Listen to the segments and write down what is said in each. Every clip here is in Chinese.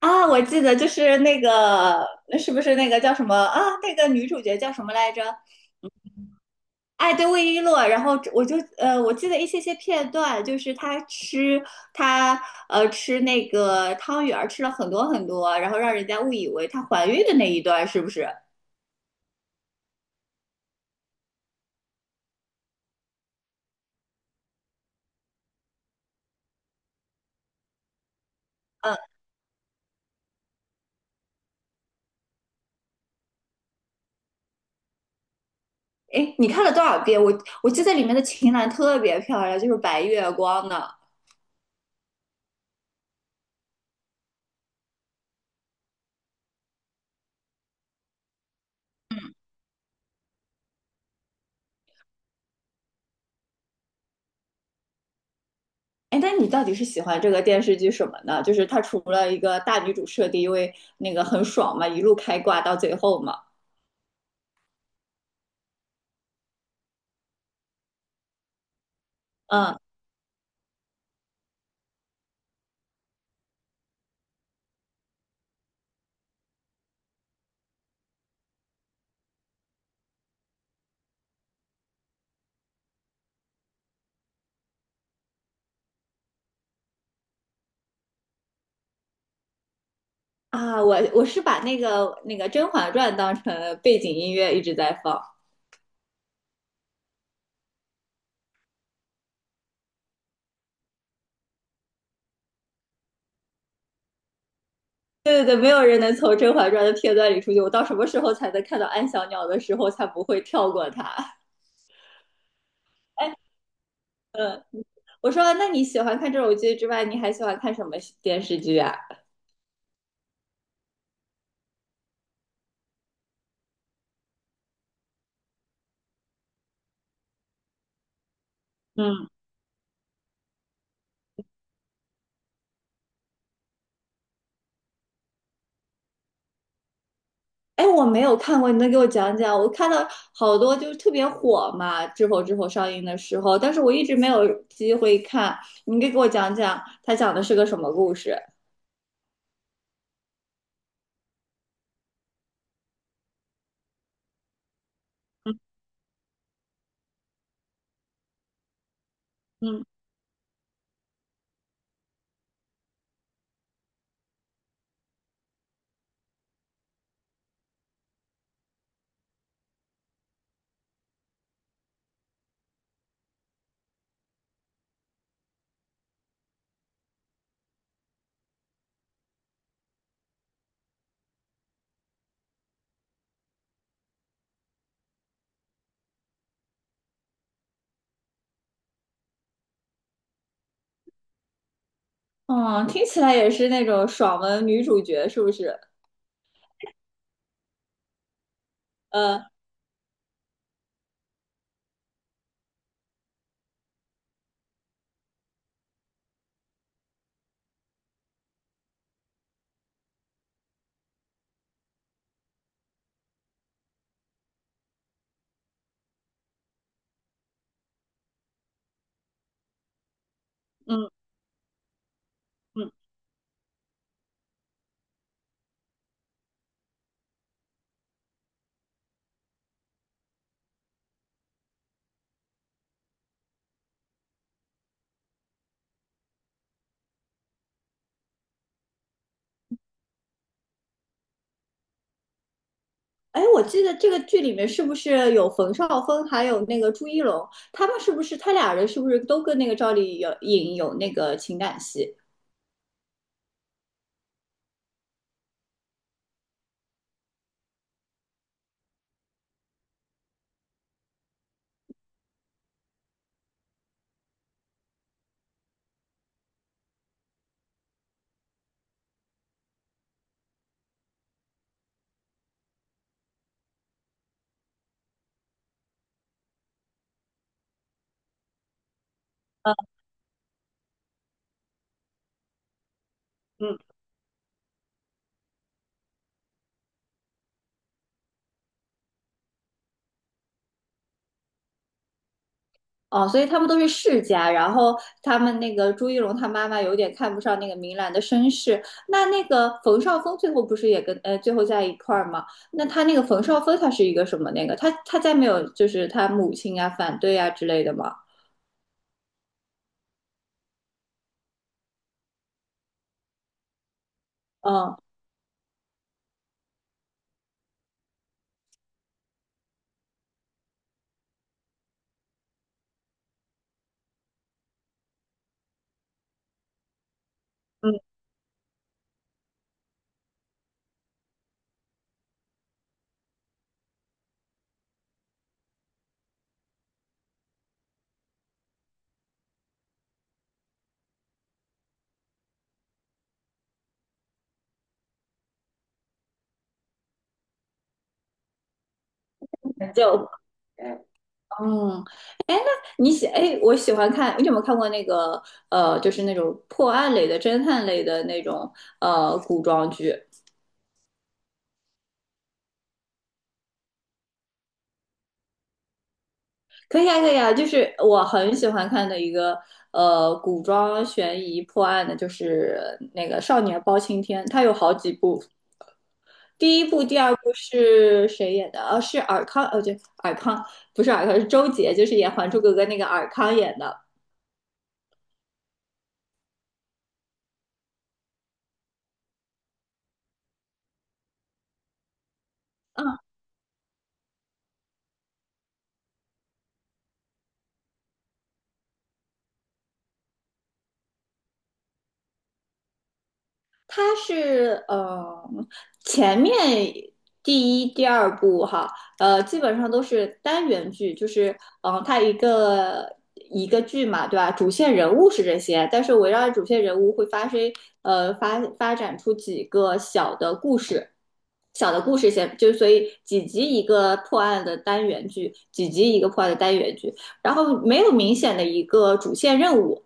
啊，我记得就是那个，那是不是那个叫什么啊？那个女主角叫什么来着？哎，对，魏璎珞。然后我就我记得一些些片段，就是她吃那个汤圆儿，吃了很多很多，然后让人家误以为她怀孕的那一段，是不是？嗯，哎，你看了多少遍？我记得里面的秦岚特别漂亮，就是白月光呢。哎，那你到底是喜欢这个电视剧什么呢？就是它除了一个大女主设定，因为那个很爽嘛，一路开挂到最后嘛。嗯啊，我是把那个《甄嬛传》当成背景音乐一直在放。对对对，没有人能从《甄嬛传》的片段里出去。我到什么时候才能看到安小鸟的时候，才不会跳过它？哎，嗯，我说，那你喜欢看这种剧之外，你还喜欢看什么电视剧啊？嗯哎，我没有看过，你能给我讲讲？我看到好多就是特别火嘛，《知否知否》上映的时候，但是我一直没有机会看。你可以给我讲讲，它讲的是个什么故事？嗯嗯，嗯，听起来也是那种爽文女主角，是不是？呃嗯嗯，哎，我记得这个剧里面是不是有冯绍峰，还有那个朱一龙，他们是不是他俩人是不是都跟那个赵丽颖有那个情感戏？呃嗯哦，所以他们都是世家，然后他们那个朱一龙他妈妈有点看不上那个明兰的身世。那那个冯绍峰最后不是也跟最后在一块儿吗？那他那个冯绍峰他是一个什么那个？他家没有就是他母亲啊反对啊之类的吗？嗯嗯，就嗯，哎，那你喜哎，我喜欢看，你有没有看过那个就是那种破案类的、侦探类的那种古装剧？可以啊，可以啊，就是我很喜欢看的一个古装悬疑破案的，就是那个《少年包青天》，它有好几部，第一部、第二部是谁演的？是尔康，对，尔康不是尔康，是周杰，就是演《还珠格格》那个尔康演的。啊它是前面第一、第二部哈，呃，基本上都是单元剧，就是它一个剧嘛，对吧？主线人物是这些，但是围绕着主线人物会发生发展出几个小的故事。小的故事线，就所以几集一个破案的单元剧，几集一个破案的单元剧，然后没有明显的一个主线任务，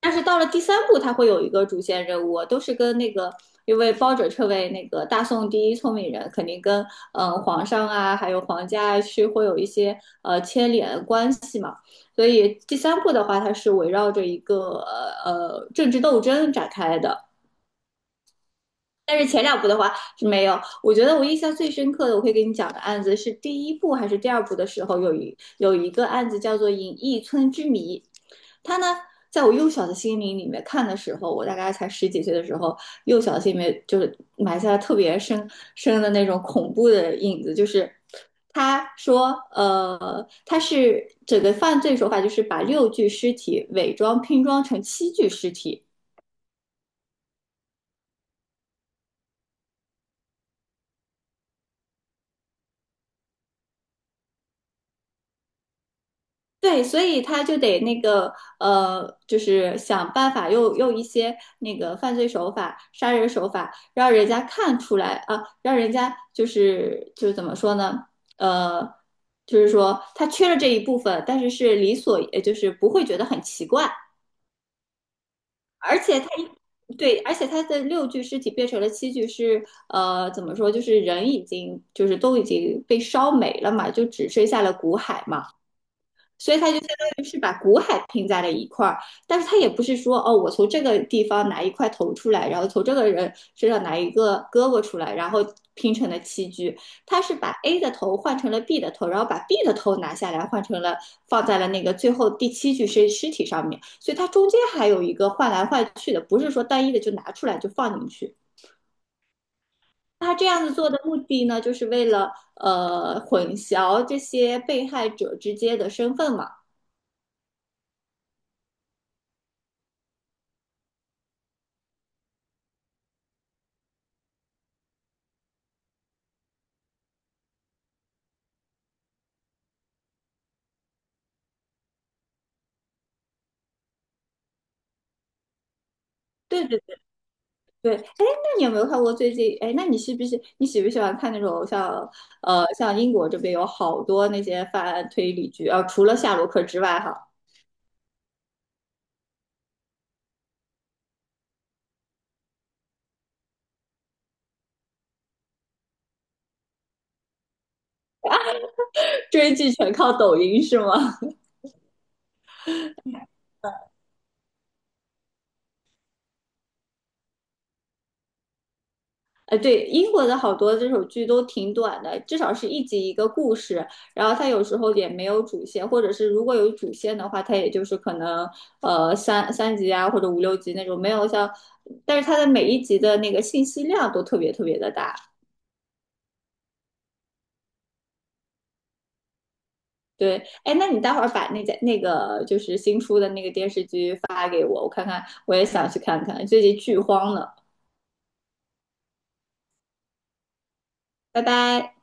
但是到了第三部，它会有一个主线任务，啊都是跟那个，因为包拯这位那个大宋第一聪明人，肯定跟皇上啊，还有皇家啊是会有一些牵连关系嘛。所以第三部的话，它是围绕着一个政治斗争展开的，但是前两部的话是没有。我觉得我印象最深刻的，我会给你讲的案子是第一部还是第二部的时候，有一个案子叫做《隐逸村之谜》，它呢，在我幼小的心灵里面看的时候，我大概才十几岁的时候，幼小的心里面就是埋下了特别深的那种恐怖的影子，就是。他说，他是整个犯罪手法就是把六具尸体伪装拼装成七具尸体，对，所以他就得那个就是想办法用一些那个犯罪手法、杀人手法，让人家看出来啊，让人家就是怎么说呢？呃，就是说他缺了这一部分，但是是理所，也就是不会觉得很奇怪，而且他一对，而且他的六具尸体变成了七具是怎么说？就是人已经都已经被烧没了嘛，就只剩下了骨骸嘛。所以它就相当于是把股海拼在了一块儿，但是它也不是说哦，我从这个地方拿一块头出来，然后从这个人身上拿一个胳膊出来，然后拼成了七具。它是把 A 的头换成了 B 的头，然后把 B 的头拿下来换成了放在了那个最后第七具尸体上面，所以它中间还有一个换来换去的，不是说单一的就拿出来就放进去。他这样子做的目的呢，就是为了混淆这些被害者之间的身份嘛。对对对，哎，那你有没有看过最近？哎，那你是不是你喜不喜欢看那种像像英国这边有好多那些犯案推理剧啊、除了夏洛克之外哈，追剧全靠抖音是吗？哎，对，英国的好多这种剧都挺短的，至少是一集一个故事，然后它有时候也没有主线，或者是如果有主线的话，它也就是可能三集啊或者五六集那种，没有像，但是它的每一集的那个信息量都特别特别的大。对，哎，那你待会儿把那家那个就是新出的那个电视剧发给我，我看看，我也想去看看，最近剧荒呢。拜拜。